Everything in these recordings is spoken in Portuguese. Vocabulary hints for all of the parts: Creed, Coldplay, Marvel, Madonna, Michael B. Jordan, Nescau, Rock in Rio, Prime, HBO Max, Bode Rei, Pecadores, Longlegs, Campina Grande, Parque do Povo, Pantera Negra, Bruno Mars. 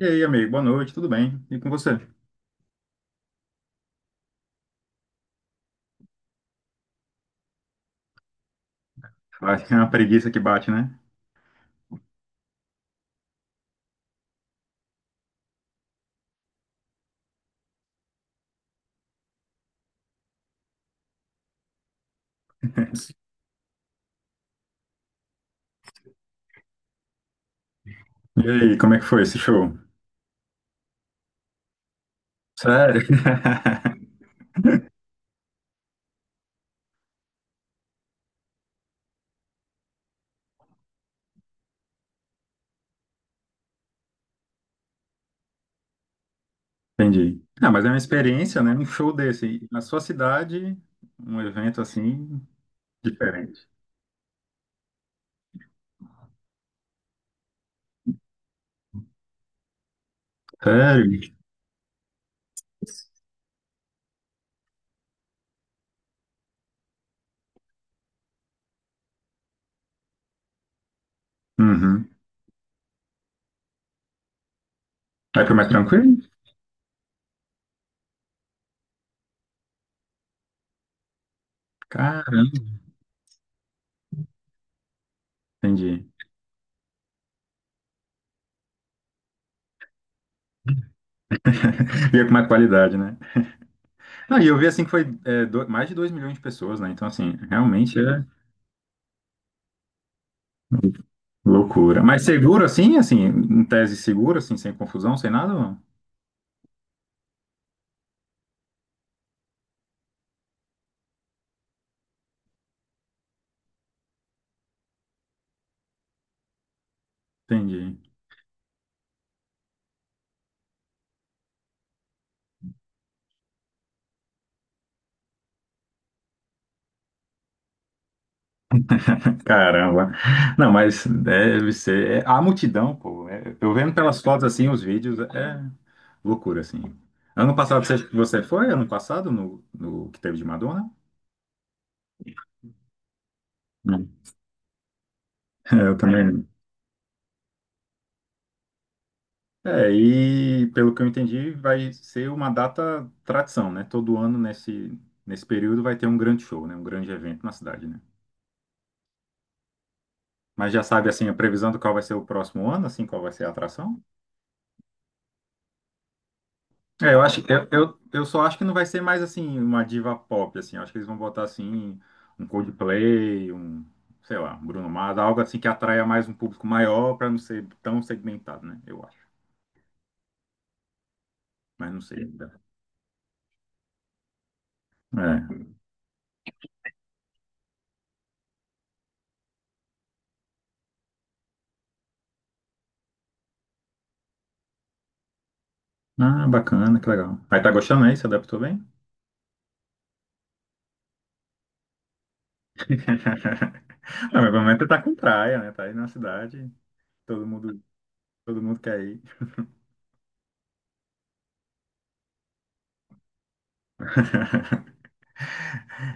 E aí, amigo, boa noite, tudo bem? E com você? Vai, é uma preguiça que bate, né? E aí, como é que foi esse show? Sério? Entendi. Ah, mas é uma experiência, né? Um show desse. Na sua cidade, um evento assim, diferente. Sério? Uhum. Aí foi mais tranquilo? Caramba, entendi. Veio com mais qualidade, né? Não, e eu vi assim que foi mais de 2 milhões de pessoas, né? Então, assim, realmente é loucura. Mas seguro assim, assim, em tese seguro, assim, sem confusão, sem nada? Ou não? Entendi. Caramba. Não, mas deve ser. A multidão, pô. Eu vendo pelas fotos assim, os vídeos, é loucura, assim. Ano passado você foi? Ano passado, no que teve de Madonna? Não. É, eu também. É, e pelo que eu entendi, vai ser uma data tradição, né? Todo nesse período vai ter um grande show, né? Um grande evento na cidade, né? Mas já sabe, assim, a previsão do qual vai ser o próximo ano, assim, qual vai ser a atração? É, eu acho, eu só acho que não vai ser mais assim uma diva pop assim. Eu acho que eles vão botar assim um Coldplay, um, sei lá, um Bruno Mars, algo assim que atraia mais um público maior para não ser tão segmentado, né? Eu acho. Mas não sei ainda. É. Ah, bacana, que legal. Aí tá gostando aí? Se adaptou bem? Não, mas pelo menos você tá com praia, né? Tá aí na cidade, todo mundo, todo mundo quer ir.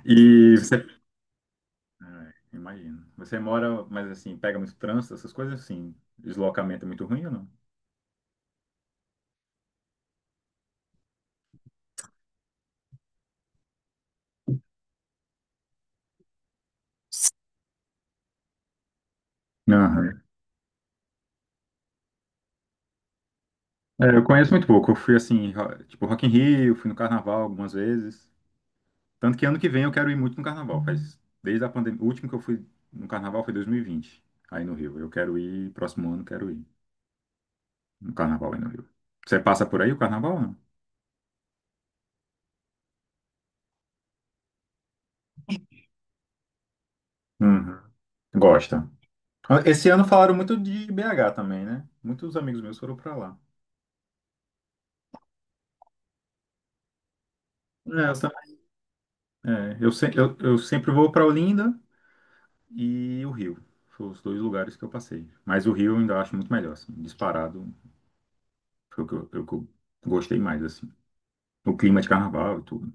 E você, é, imagino. Você mora, mas assim, pega muito trânsito, essas coisas assim. Deslocamento é muito ruim ou não? Aham. É, eu conheço muito pouco. Eu fui assim, tipo Rock in Rio, fui no Carnaval algumas vezes. Tanto que ano que vem eu quero ir muito no Carnaval. Faz desde a pandemia, o último que eu fui no Carnaval foi 2020, aí no Rio. Eu quero ir, próximo ano quero ir no Carnaval aí no Rio. Você passa por aí o Carnaval, não? Uhum. Gosta. Esse ano falaram muito de BH também, né? Muitos amigos meus foram pra lá. É, eu, também- é, eu, se- eu sempre vou pra Olinda e o Rio. Foram os dois lugares que eu passei. Mas o Rio eu ainda acho muito melhor, assim, disparado. Foi o que eu gostei mais, assim. O clima de carnaval e tudo.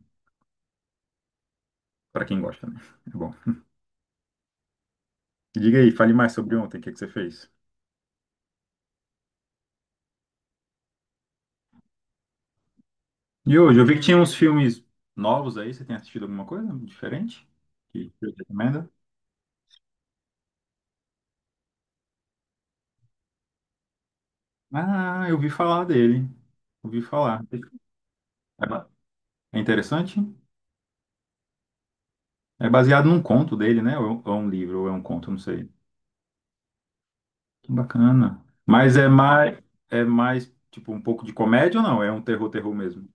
Pra quem gosta, né? É bom. Diga aí, fale mais sobre ontem, o que que você fez? E hoje, eu vi que tinha uns filmes novos aí. Você tem assistido alguma coisa diferente? Que eu recomendo? Ah, eu ouvi falar dele. Ouvi falar. É ba- é interessante? É baseado num conto dele, né? Ou é um livro, ou é um conto, não sei. Que bacana. Mas é mais, tipo, um pouco de comédia ou não? É um terror, terror mesmo.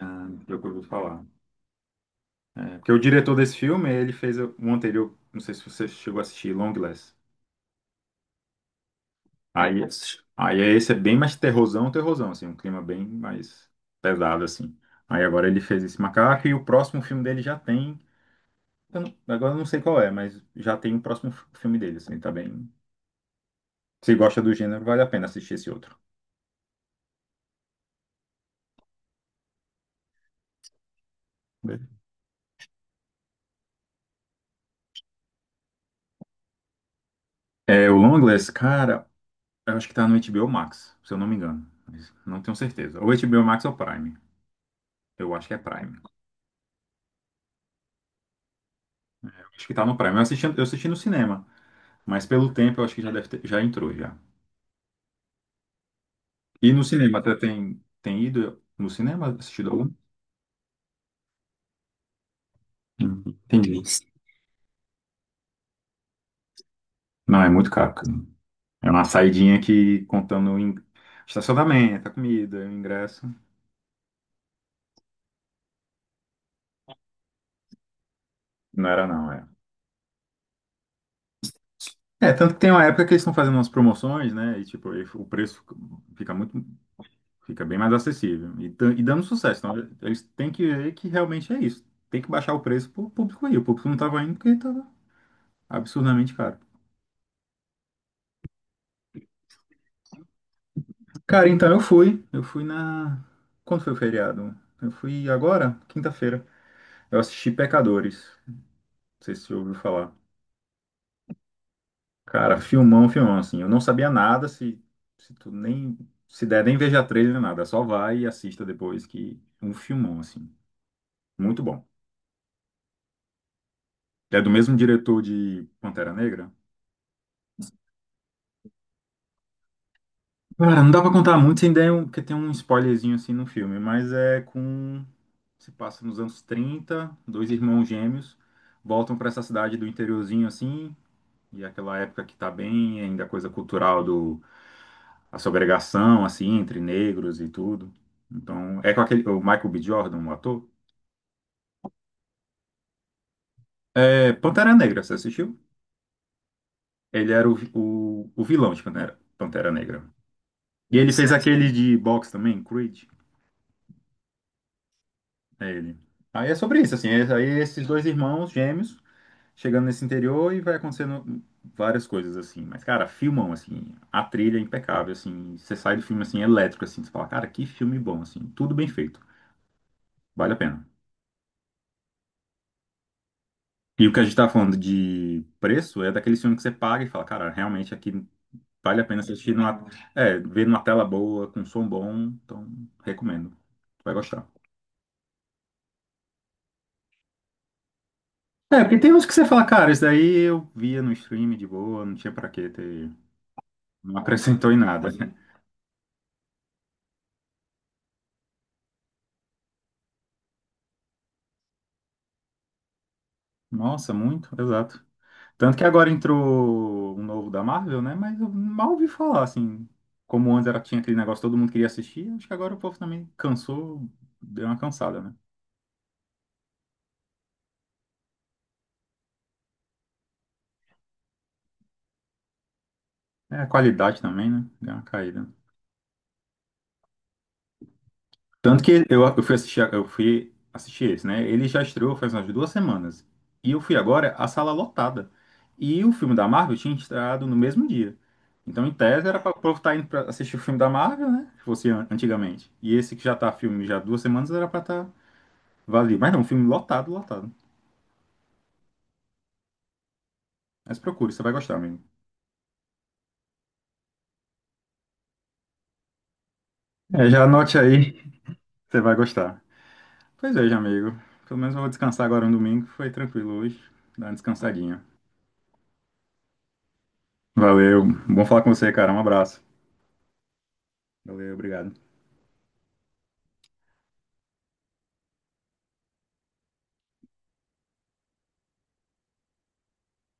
Ah, eu ouvi falar. É, porque o diretor desse filme, ele fez um anterior, não sei se você chegou a assistir, Longlegs. Aí, esse- aí é esse é bem mais terrorzão, terrorzão, assim, um clima bem mais pesado, assim. Aí agora ele fez esse macaco e o próximo filme dele já tem, eu não- agora eu não sei qual é, mas já tem o próximo filme dele, assim, tá bem. Se gosta do gênero, vale a pena assistir esse outro. Beleza. É, o Longlegs, cara, eu acho que tá no HBO Max, se eu não me engano. Mas não tenho certeza. Ou HBO Max ou Prime. Eu acho que é Prime. Eu acho que tá no Prime. Eu assisti no cinema. Mas pelo tempo eu acho que já deve ter, já entrou já. E no cinema, até tem, tem ido no cinema, assistido algum? Hum, Entendi. Não, é muito caro, cara. É uma saidinha que contando estacionamento, a comida, o ingresso. Não era não, é. É, tanto que tem uma época que eles estão fazendo umas promoções, né? E tipo, aí o preço fica muito, fica bem mais acessível. E, e dando sucesso. Então, eles têm que ver que realmente é isso. Tem que baixar o preço pro público ir. O público não tava indo porque tava absurdamente caro. Cara, então eu fui. Eu fui na. Quando foi o feriado? Eu fui agora, quinta-feira. Eu assisti Pecadores. Não sei se você ouviu falar. Cara, filmão, filmão, assim. Eu não sabia nada, se tu nem. Se der, nem veja trailer, nem nada. Só vai e assista depois que. É um filmão, assim. Muito bom. É do mesmo diretor de Pantera Negra? Cara, não dá pra contar muito sem dar um, porque tem um spoilerzinho assim no filme, mas é com. Se passa nos anos trinta, dois irmãos gêmeos voltam pra essa cidade do interiorzinho assim, e é aquela época que tá bem ainda a coisa cultural do a segregação assim entre negros e tudo. Então, é com aquele o Michael B. Jordan, o ator. É Pantera Negra, você assistiu? Ele era o vilão de Pantera, Pantera Negra. E ele fez aquele de boxe também, Creed. É ele. Aí é sobre isso, assim. Aí esses dois irmãos gêmeos chegando nesse interior e vai acontecendo várias coisas, assim. Mas, cara, filmam, assim. A trilha é impecável, assim. Você sai do filme, assim, elétrico, assim. Você fala, cara, que filme bom, assim. Tudo bem feito. Vale a pena. E o que a gente tá falando de preço é daquele filme que você paga e fala, cara, realmente aqui vale a pena assistir numa, é, ver numa tela boa, com som bom. Então, recomendo. Tu vai gostar. É, porque tem uns que você fala, cara, isso daí eu via no stream de boa, não tinha pra que ter. Não acrescentou em nada. Nossa, muito, exato. Tanto que agora entrou um novo da Marvel, né? Mas eu mal ouvi falar, assim. Como antes era, tinha aquele negócio, todo mundo queria assistir, acho que agora o povo também cansou, deu uma cansada, né? É, a qualidade também, né? Deu uma caída. Tanto que eu fui assistir, eu fui assistir esse, né? Ele já estreou faz umas 2 semanas. E eu fui agora, a sala lotada. E o filme da Marvel tinha estreado no mesmo dia. Então, em tese, era para o povo estar indo para assistir o filme da Marvel, né? Que fosse antigamente. E esse que já tá filme já há 2 semanas era para estar vazio. Mas não, filme lotado, lotado. Mas procure, você vai gostar, amigo. É, já anote aí, você vai gostar. Pois é, já, amigo. Pelo menos eu vou descansar agora no domingo. Foi tranquilo hoje. Dá uma descansadinha. Valeu. Bom falar com você, cara. Um abraço. Valeu, obrigado.